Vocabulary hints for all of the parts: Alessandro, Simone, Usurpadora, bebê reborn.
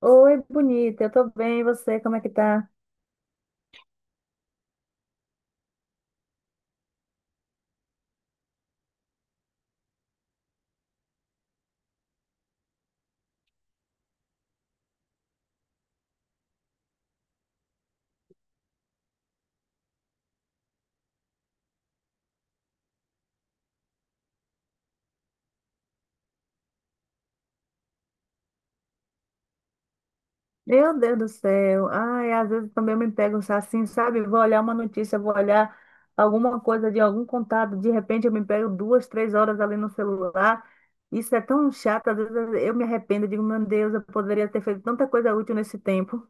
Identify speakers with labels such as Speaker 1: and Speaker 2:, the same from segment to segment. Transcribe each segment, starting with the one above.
Speaker 1: Oi, bonita, eu tô bem, e você, como é que tá? Meu Deus do céu, ai, às vezes também eu me pego assim, sabe? Vou olhar uma notícia, vou olhar alguma coisa de algum contato, de repente eu me pego duas, três horas ali no celular. Isso é tão chato, às vezes eu me arrependo, digo, meu Deus, eu poderia ter feito tanta coisa útil nesse tempo.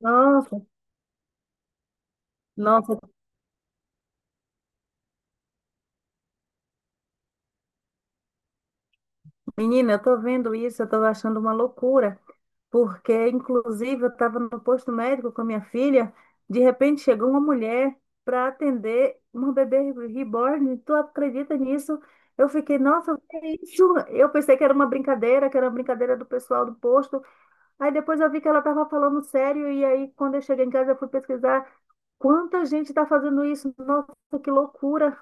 Speaker 1: Nossa, nossa, menina, eu tô vendo isso, eu tô achando uma loucura. Porque inclusive eu estava no posto médico com a minha filha, de repente chegou uma mulher para atender uma bebê reborn, tu acredita nisso? Eu fiquei, nossa, o que é isso? Eu pensei que era uma brincadeira, que era uma brincadeira do pessoal do posto. Aí depois eu vi que ela estava falando sério, e aí quando eu cheguei em casa eu fui pesquisar quanta gente está fazendo isso. Nossa, que loucura.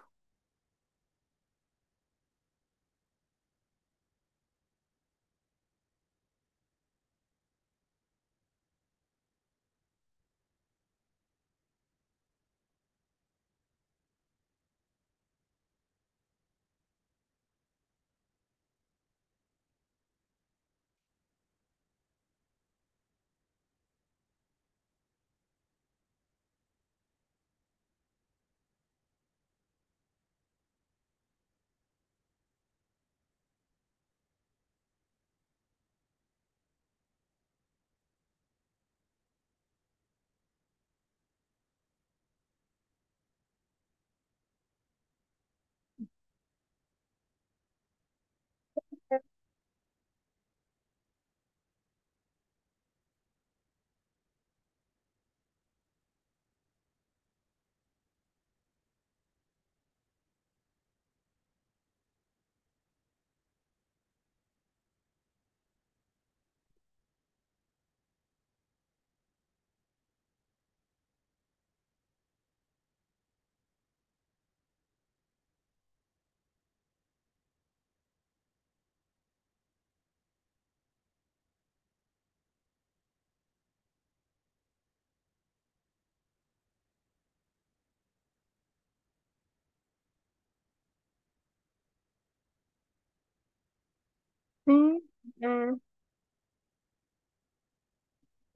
Speaker 1: Sim,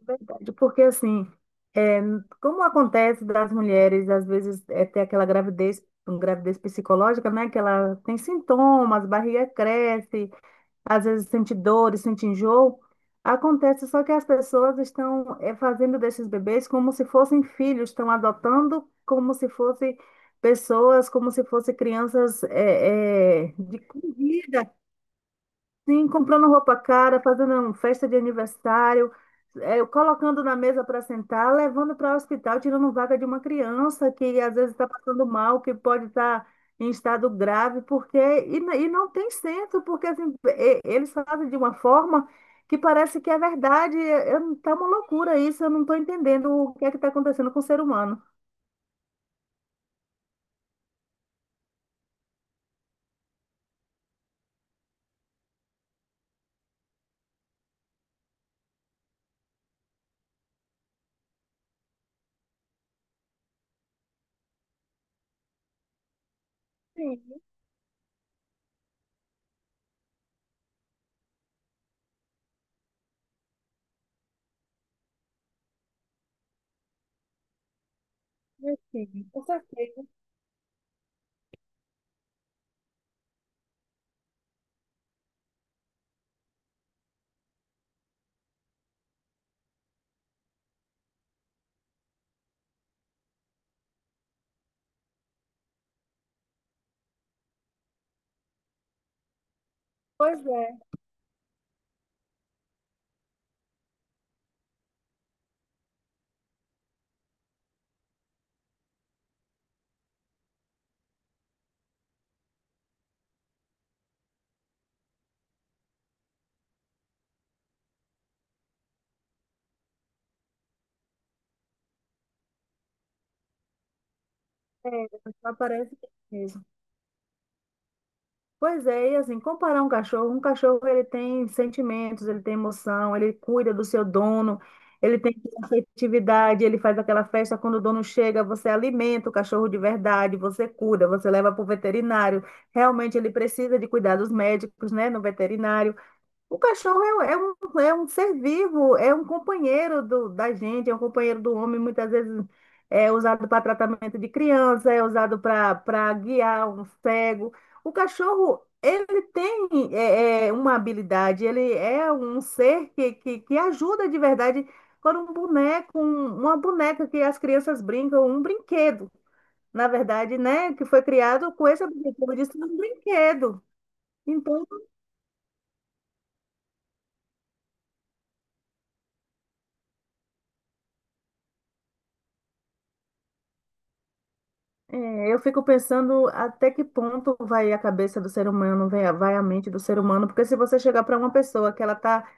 Speaker 1: verdade. Porque assim, é, como acontece das mulheres, às vezes, é ter aquela gravidez, uma gravidez psicológica, né? Que ela tem sintomas, barriga cresce, às vezes sente dores, sente enjoo. Acontece só que as pessoas estão fazendo desses bebês como se fossem filhos, estão adotando como se fossem pessoas, como se fossem crianças de comida. Sim, comprando roupa cara, fazendo um festa de aniversário, colocando na mesa para sentar, levando para o hospital, tirando vaga de uma criança que às vezes está passando mal, que pode estar em estado grave, porque e não tem senso, porque assim, eles fazem de uma forma que parece que é verdade. Está uma loucura isso, eu não estou entendendo o que é que está acontecendo com o ser humano. Sim, sim, com certeza. Pois é. Mas parece que é mesmo. Pois é, e assim, comparar um cachorro ele tem sentimentos, ele tem emoção, ele cuida do seu dono, ele tem afetividade, ele faz aquela festa quando o dono chega, você alimenta o cachorro de verdade, você cuida, você leva para o veterinário. Realmente ele precisa de cuidados médicos, né, no veterinário. O cachorro é um ser vivo, é um companheiro da gente, é um companheiro do homem, muitas vezes é usado para tratamento de criança, é usado para guiar um cego. O cachorro, ele tem uma habilidade, ele é um ser que ajuda de verdade quando um boneco, uma boneca que as crianças brincam, um brinquedo, na verdade, né, que foi criado com esse objetivo de ser um brinquedo. Então, é, eu fico pensando até que ponto vai a cabeça do ser humano, vai a mente do ser humano, porque se você chegar para uma pessoa que ela está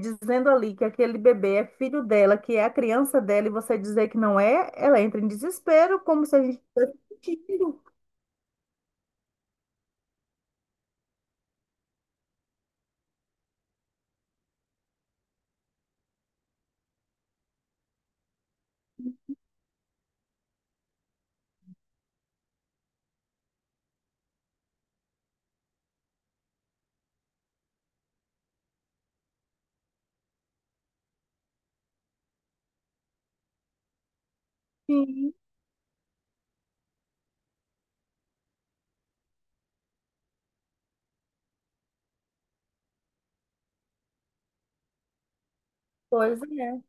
Speaker 1: dizendo ali que aquele bebê é filho dela, que é a criança dela, e você dizer que não é, ela entra em desespero, como se a gente estivesse mentindo. Sim, pois é,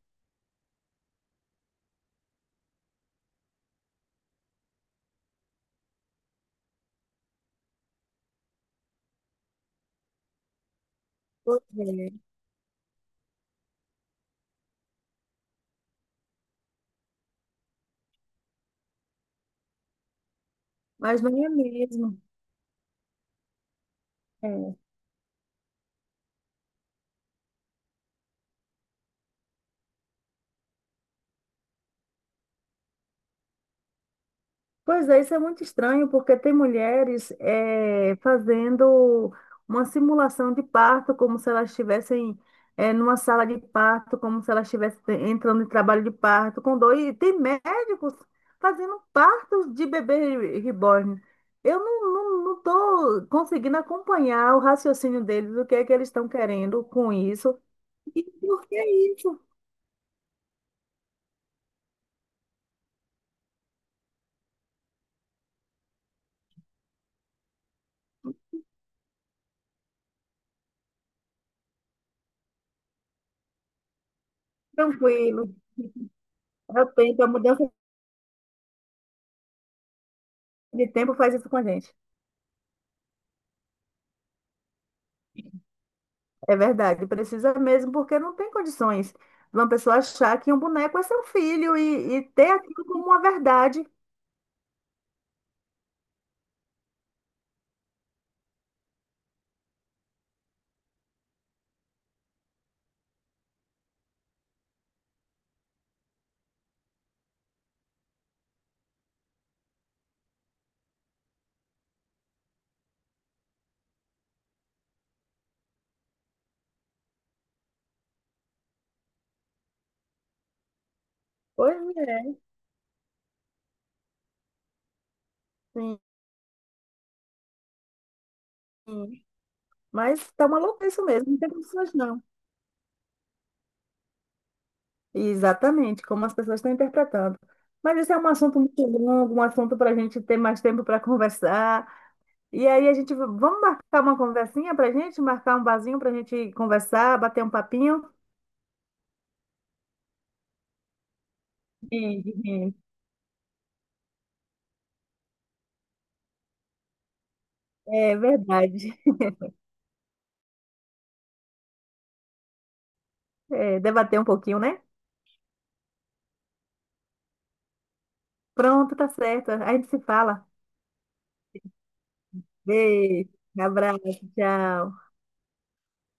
Speaker 1: pois é. Mas não é mesmo. Pois é, isso é muito estranho, porque tem mulheres fazendo uma simulação de parto, como se elas estivessem numa sala de parto, como se elas estivessem entrando em trabalho de parto com dor. E tem médicos fazendo partos de bebê reborn. Eu não, não tô conseguindo acompanhar o raciocínio deles, o que é que eles estão querendo com isso. E por que isso? Tranquilo. Eu tento, a mudança de tempo faz isso com a gente. É verdade, precisa mesmo, porque não tem condições de uma pessoa achar que um boneco é seu filho e ter aquilo como uma verdade. Pois é, sim. Mas tá uma loucura isso mesmo, não tem condições não. Exatamente, como as pessoas estão interpretando. Mas isso é um assunto muito longo, um assunto para a gente ter mais tempo para conversar. E aí a gente, vamos marcar uma conversinha para a gente, marcar um barzinho para a gente conversar, bater um papinho. Sim, sim. É verdade. É, debater um pouquinho, né? Pronto, tá certo. A gente se fala. Beijo, abraço, tchau.